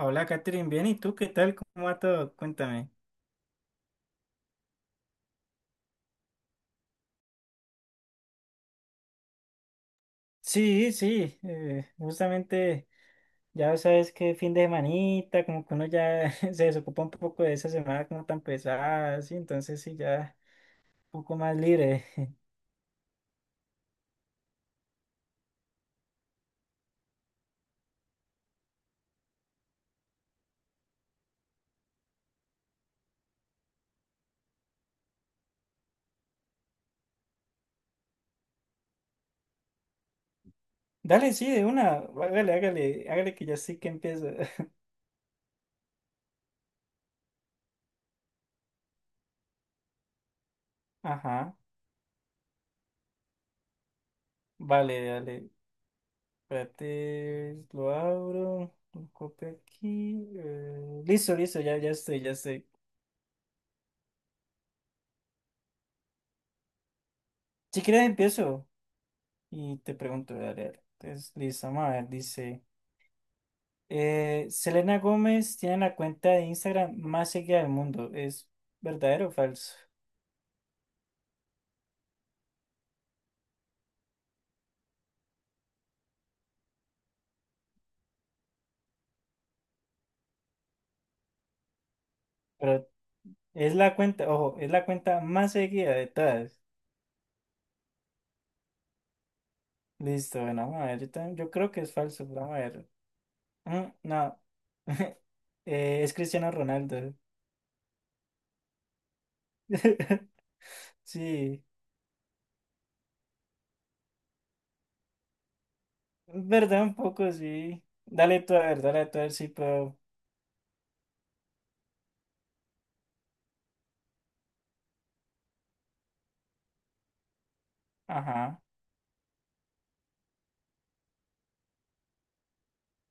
Hola, Catherine, bien, ¿y tú qué tal? ¿Cómo va todo? Cuéntame. Sí, sí, justamente ya sabes que fin de semanita, como que uno ya se desocupa un poco de esa semana como tan pesada, sí, entonces sí, ya un poco más libre. Dale, sí, de una, hágale, hágale, hágale que ya sí que empiezo. Ajá, vale, dale, espérate, lo abro, lo copio aquí, listo, listo, ya, ya estoy, ya estoy. Si quieres empiezo. Y te pregunto, voy a leer. Entonces, listo, vamos a ver, dice. Selena Gómez tiene la cuenta de Instagram más seguida del mundo. ¿Es verdadero o falso? Pero es la cuenta, ojo, es la cuenta más seguida de todas. Listo, bueno, vamos a ver. Yo creo que es falso, pero vamos a ver. Mm, no. Es Cristiano Ronaldo. Sí, verdad, un poco, sí. Dale tú a ver, dale tú a ver, sí, pero. Ajá,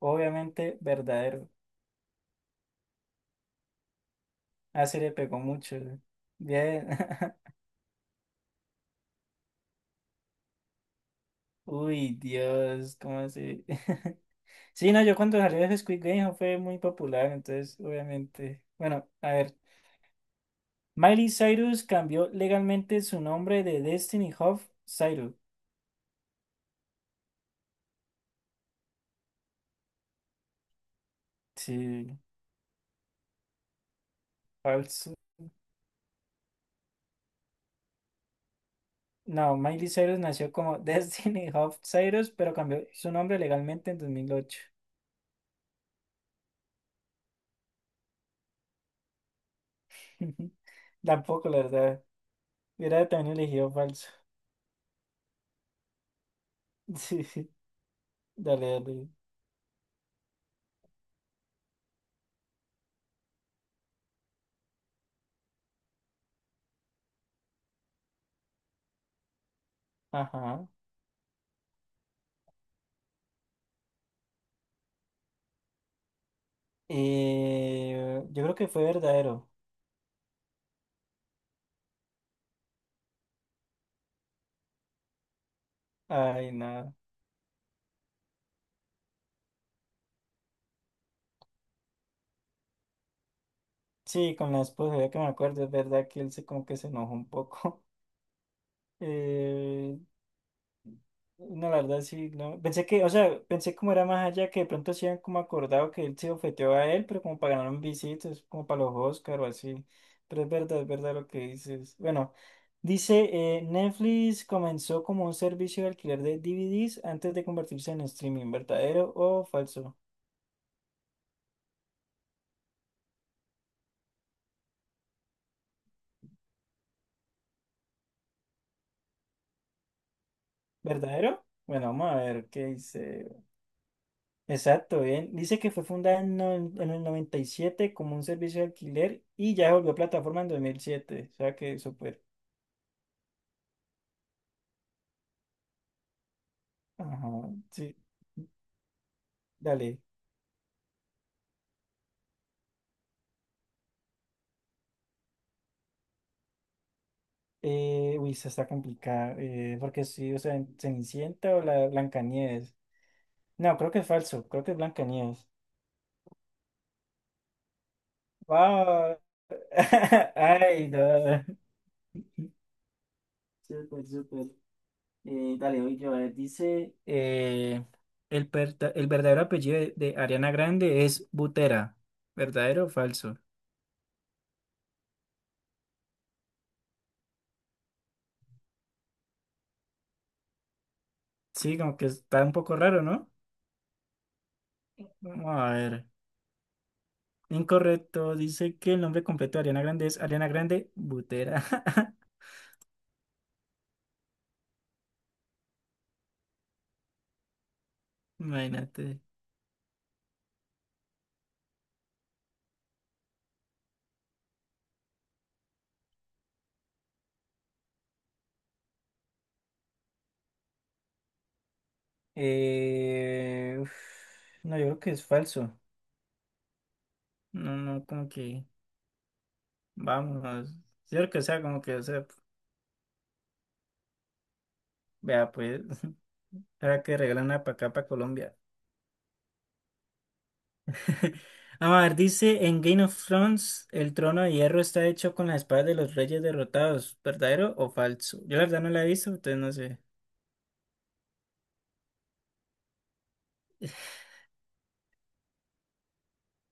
obviamente verdadero. Ah, se le pegó mucho. Bien. Uy, Dios, ¿cómo así? Sí, no, yo cuando salió de Squid Game fue muy popular, entonces, obviamente. Bueno, a ver. Miley Cyrus cambió legalmente su nombre de Destiny Hoff Cyrus. Sí, falso. No, Miley Cyrus nació como Destiny Hoff Cyrus, pero cambió su nombre legalmente en 2008. Tampoco, la verdad. Hubiera también elegido falso. Sí, dale, dale. Ajá. Yo creo que fue verdadero. Ay, nada. Sí, con la esposa, ya que me acuerdo, es verdad que él se como que se enojó un poco. Eh, no, la verdad sí, no. Pensé que, o sea, pensé como era más allá que de pronto se habían como acordado que él se ofeteó a él, pero como para ganar un visitas, como para los Oscar o así. Pero es verdad lo que dices. Bueno, dice, Netflix comenzó como un servicio de alquiler de DVDs antes de convertirse en streaming, ¿verdadero o falso? ¿Verdadero? Bueno, vamos a ver qué dice. Exacto, bien. Dice que fue fundada en, no- en el 97 como un servicio de alquiler y ya se volvió plataforma en 2007. O sea que súper. Ajá, sí, dale. Uy, esa está complicada. Porque sí, o sea, en Cenicienta o la Blancanieves. No, creo que es falso. Creo que es Blancanieves. ¡Wow! Ay, no. Súper, súper. Dale, hoy yo, a ver, dice, el verdadero apellido de Ariana Grande es Butera. ¿Verdadero o falso? Sí, como que está un poco raro, ¿no? Vamos a ver. Incorrecto, dice que el nombre completo de Ariana Grande es Ariana Grande Butera. Imagínate. Uf, no, yo creo que es falso. No, no, como que, vámonos. Yo creo que o sea, como que, o sea, vea, pues, ahora que regalan una para acá, para Colombia. Vamos a ver, dice en Game of Thrones, el trono de hierro está hecho con las espadas de los reyes derrotados, ¿verdadero o falso? Yo la verdad no la he visto, entonces no sé.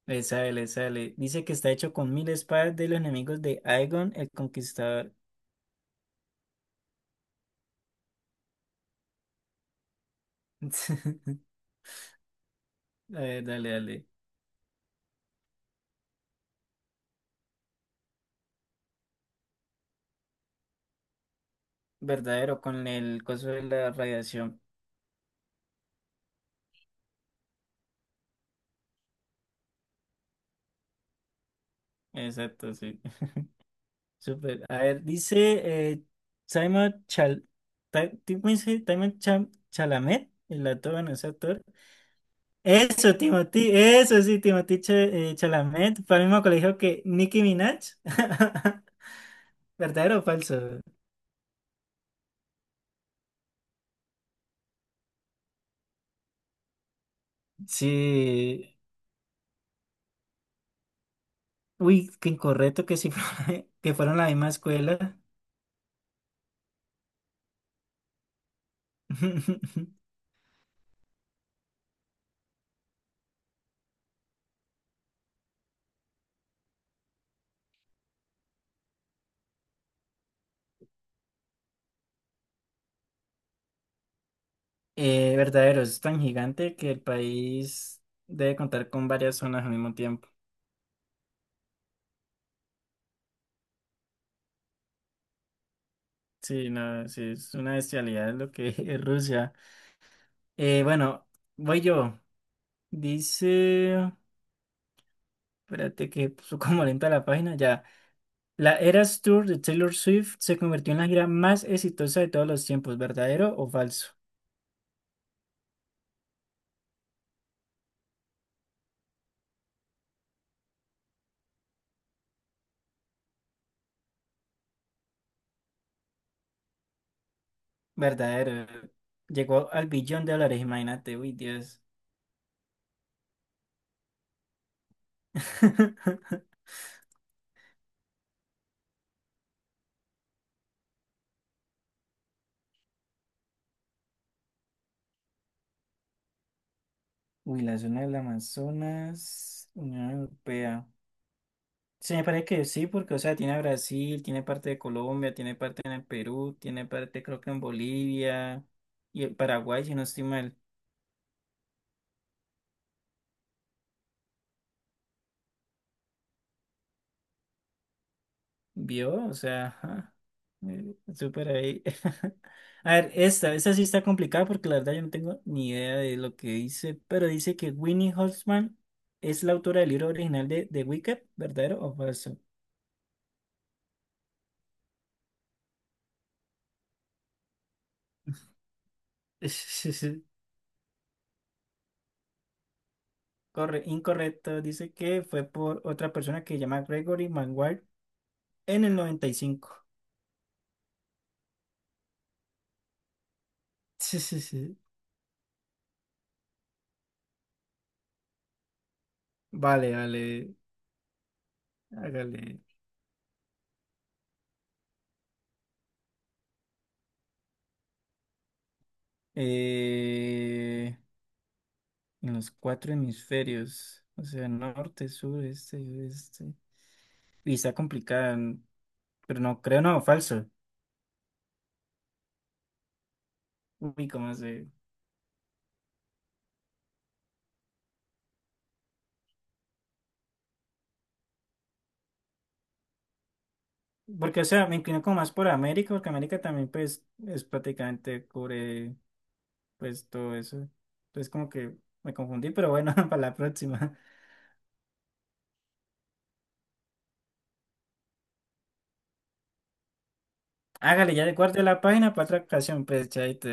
Le sale, le sale. Dice que está hecho con mil espadas de los enemigos de Aegon el Conquistador. A ver, dale, dale. Verdadero con el coso de la radiación. Exacto, sí. Súper. A ver, dice Simon Chal Ta- ¿cómo dice? Timon Cham- Chalamet, el actor, bueno, ese actor. Eso, Timothy, eso sí, Timothy Chalamet, para el mismo colegio que Nicki Minaj. ¿Verdadero o falso? Sí. Uy, qué incorrecto que sí que fueron la misma escuela. Verdadero, es tan gigante que el país debe contar con varias zonas al mismo tiempo. Sí, no, sí, es una bestialidad lo que es Rusia. Bueno, voy yo. Dice, espérate que puso como lenta la página, ya. La Eras Tour de Taylor Swift se convirtió en la gira más exitosa de todos los tiempos, ¿verdadero o falso? Verdadero. Llegó al billón de dólares, imagínate, uy, Dios. Uy, la zona del Amazonas, Unión Europea. Se me parece que sí, porque, o sea, tiene a Brasil, tiene parte de Colombia, tiene parte en el Perú, tiene parte creo que en Bolivia y en Paraguay, si no estoy mal. Vio, o sea, ajá, súper ahí. A ver, esta sí está complicada porque la verdad yo no tengo ni idea de lo que dice, pero dice que Winnie Holzman es la autora del libro original de The Wicked, ¿verdadero o falso? Incorrecto, dice que fue por otra persona que se llama Gregory Maguire en el 95. Vale, vale, hágale. Eh, en los cuatro hemisferios, o sea, norte, sur, este y oeste. Y está complicada, pero no, creo no, falso. Uy, como se. Porque, o sea, me inclino como más por América, porque América también, pues, es prácticamente cubre, pues, todo eso. Entonces, como que me confundí, pero bueno, para la próxima. Hágale, ya recuerde la página para otra ocasión, pues, chaito.